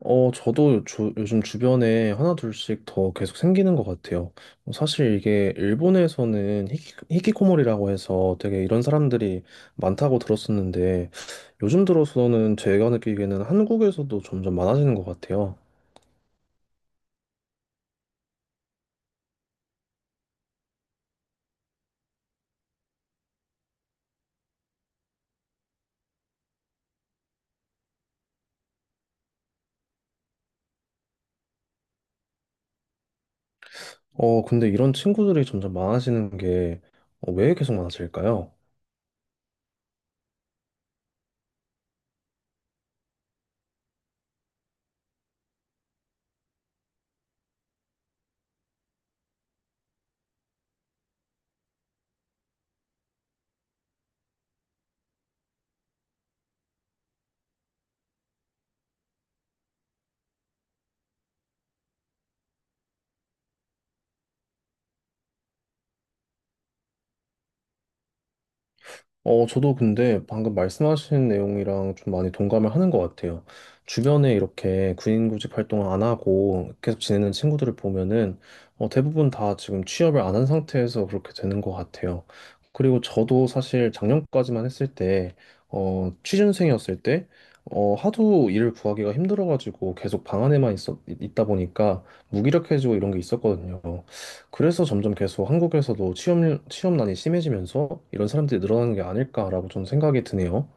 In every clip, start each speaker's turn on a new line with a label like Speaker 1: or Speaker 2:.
Speaker 1: 저도 요즘 주변에 하나 둘씩 더 계속 생기는 것 같아요. 사실 이게 일본에서는 히키코모리라고 해서 되게 이런 사람들이 많다고 들었었는데 요즘 들어서는 제가 느끼기에는 한국에서도 점점 많아지는 것 같아요. 근데 이런 친구들이 점점 많아지는 게 왜 계속 많아질까요? 저도 근데 방금 말씀하신 내용이랑 좀 많이 동감을 하는 것 같아요. 주변에 이렇게 군인구직 활동을 안 하고 계속 지내는 친구들을 보면은 대부분 다 지금 취업을 안 한 상태에서 그렇게 되는 것 같아요. 그리고 저도 사실 작년까지만 했을 때, 취준생이었을 때, 하도 일을 구하기가 힘들어가지고 계속 방 안에만 있다 보니까 무기력해지고 이런 게 있었거든요. 그래서 점점 계속 한국에서도 취업난이 심해지면서 이런 사람들이 늘어나는 게 아닐까라고 좀 생각이 드네요.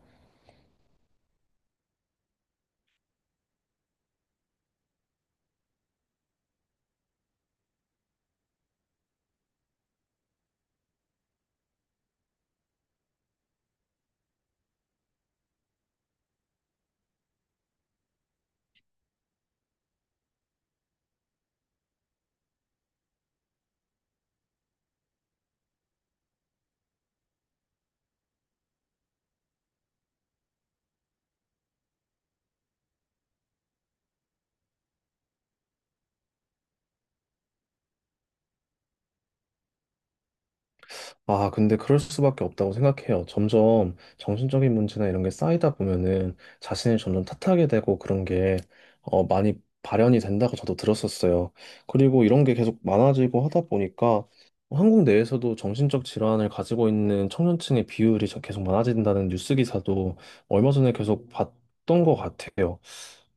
Speaker 1: 아, 근데 그럴 수밖에 없다고 생각해요. 점점 정신적인 문제나 이런 게 쌓이다 보면은 자신을 점점 탓하게 되고 그런 게 많이 발현이 된다고 저도 들었었어요. 그리고 이런 게 계속 많아지고 하다 보니까 한국 내에서도 정신적 질환을 가지고 있는 청년층의 비율이 계속 많아진다는 뉴스 기사도 얼마 전에 계속 봤던 것 같아요.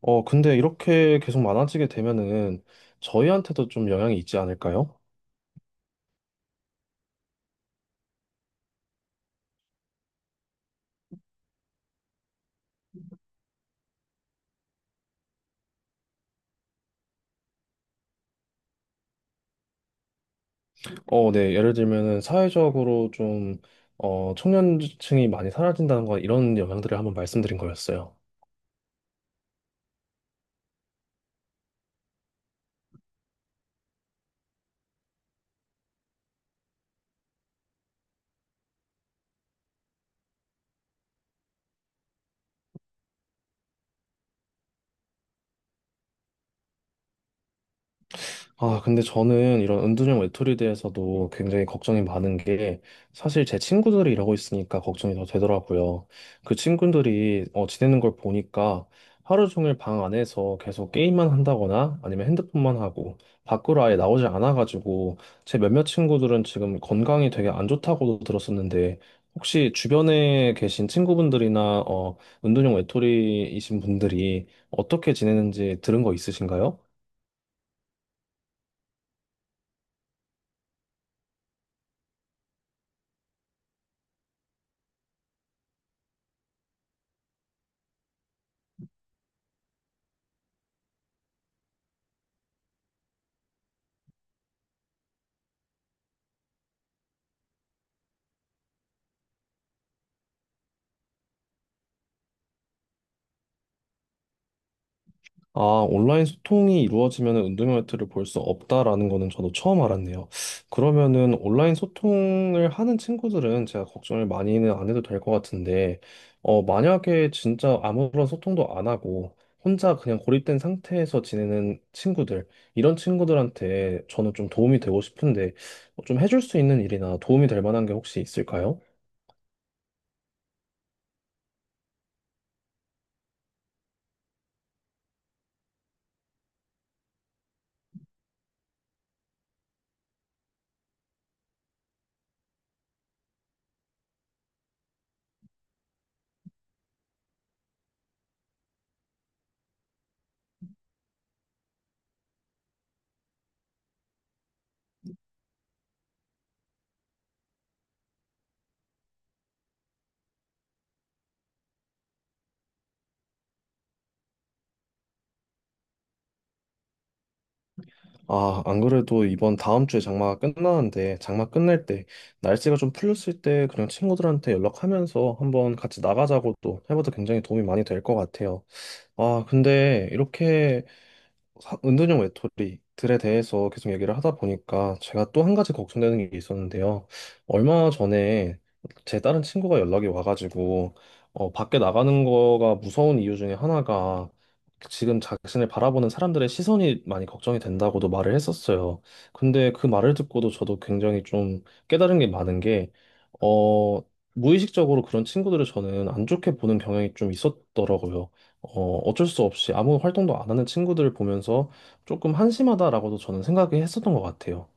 Speaker 1: 근데 이렇게 계속 많아지게 되면은 저희한테도 좀 영향이 있지 않을까요? 어, 네. 예를 들면은 사회적으로 청년층이 많이 사라진다는 건 이런 영향들을 한번 말씀드린 거였어요. 아, 근데 저는 이런 은둔형 외톨이에 대해서도 굉장히 걱정이 많은 게 사실 제 친구들이 이러고 있으니까 걱정이 더 되더라고요. 그 친구들이 지내는 걸 보니까 하루 종일 방 안에서 계속 게임만 한다거나 아니면 핸드폰만 하고 밖으로 아예 나오지 않아가지고 제 몇몇 친구들은 지금 건강이 되게 안 좋다고도 들었었는데 혹시 주변에 계신 친구분들이나 어, 은둔형 외톨이이신 분들이 어떻게 지내는지 들은 거 있으신가요? 아, 온라인 소통이 이루어지면 운동회를 볼 수 없다라는 거는 저도 처음 알았네요. 그러면은 온라인 소통을 하는 친구들은 제가 걱정을 많이는 안 해도 될 것 같은데, 만약에 진짜 아무런 소통도 안 하고 혼자 그냥 고립된 상태에서 지내는 친구들, 이런 친구들한테 저는 좀 도움이 되고 싶은데, 좀 해줄 수 있는 일이나 도움이 될 만한 게 혹시 있을까요? 아, 안 그래도 이번 다음 주에 장마가 끝나는데, 장마 끝날 때, 날씨가 좀 풀렸을 때, 그냥 친구들한테 연락하면서 한번 같이 나가자고 또 해봐도 굉장히 도움이 많이 될 것 같아요. 아, 근데 이렇게 은둔형 외톨이들에 대해서 계속 얘기를 하다 보니까 제가 또 한 가지 걱정되는 게 있었는데요. 얼마 전에 제 다른 친구가 연락이 와가지고 밖에 나가는 거가 무서운 이유 중에 하나가 지금 자신을 바라보는 사람들의 시선이 많이 걱정이 된다고도 말을 했었어요. 근데 그 말을 듣고도 저도 굉장히 좀 깨달은 게 많은 게 어, 무의식적으로 그런 친구들을 저는 안 좋게 보는 경향이 좀 있었더라고요. 어쩔 수 없이 아무 활동도 안 하는 친구들을 보면서 조금 한심하다라고도 저는 생각이 했었던 것 같아요.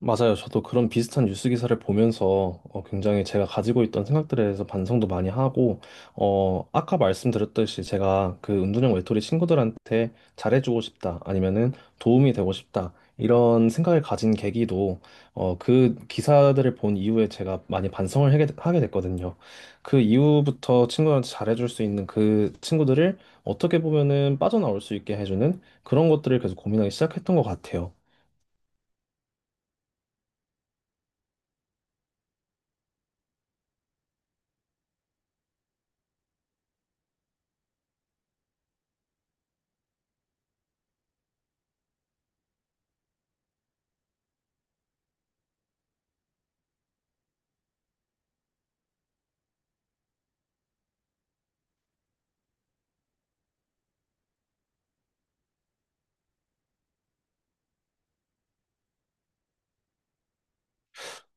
Speaker 1: 맞아요. 저도 그런 비슷한 뉴스 기사를 보면서 어, 굉장히 제가 가지고 있던 생각들에 대해서 반성도 많이 하고, 아까 말씀드렸듯이 제가 그 은둔형 외톨이 친구들한테 잘해주고 싶다, 아니면은 도움이 되고 싶다, 이런 생각을 가진 계기도 그 기사들을 본 이후에 제가 많이 반성을 하게 됐거든요. 그 이후부터 친구한테 잘해줄 수 있는 그 친구들을 어떻게 보면은 빠져나올 수 있게 해주는 그런 것들을 계속 고민하기 시작했던 것 같아요.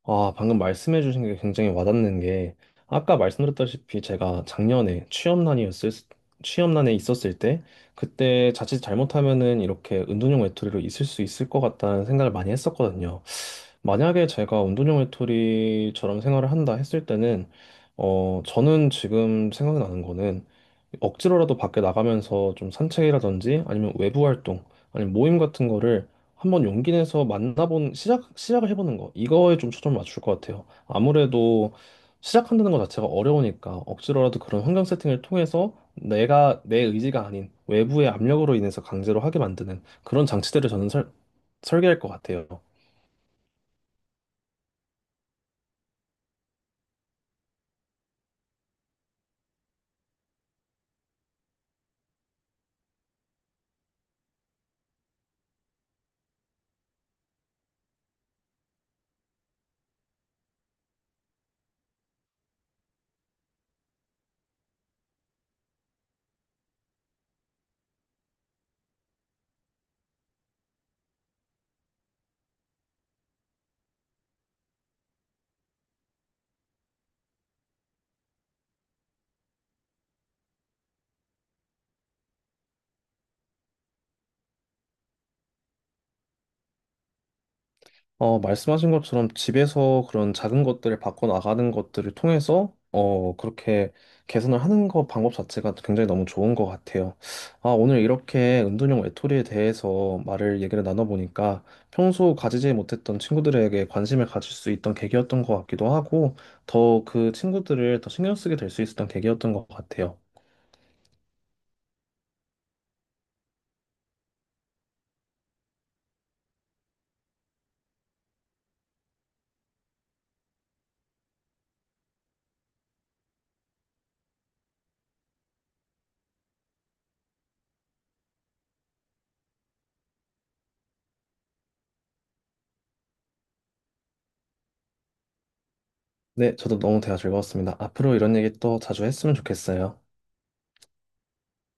Speaker 1: 아, 방금 말씀해 주신 게 굉장히 와닿는 게 아까 말씀드렸다시피 제가 작년에 취업난이었을 취업난에 있었을 때 그때 자칫 잘못하면은 이렇게 은둔형 외톨이로 있을 수 있을 것 같다는 생각을 많이 했었거든요. 만약에 제가 운동형 외톨이처럼 생활을 한다 했을 때는, 저는 지금 생각나는 거는 억지로라도 밖에 나가면서 좀 산책이라든지 아니면 외부 활동, 아니면 모임 같은 거를 한번 용기 내서 시작을 해보는 거. 이거에 좀 초점을 맞출 것 같아요. 아무래도 시작한다는 것 자체가 어려우니까 억지로라도 그런 환경 세팅을 통해서 내가 내 의지가 아닌 외부의 압력으로 인해서 강제로 하게 만드는 그런 장치들을 저는 설계할 것 같아요. 말씀하신 것처럼 집에서 그런 작은 것들을 바꿔나가는 것들을 통해서, 그렇게 개선을 하는 거 방법 자체가 굉장히 너무 좋은 것 같아요. 아, 오늘 이렇게 은둔형 외톨이에 대해서 말을 얘기를 나눠보니까 평소 가지지 못했던 친구들에게 관심을 가질 수 있던 계기였던 것 같기도 하고, 더 그 친구들을 더 신경 쓰게 될 수 있었던 계기였던 것 같아요. 네, 저도 너무 대화 즐거웠습니다. 앞으로 이런 얘기 또 자주 했으면 좋겠어요.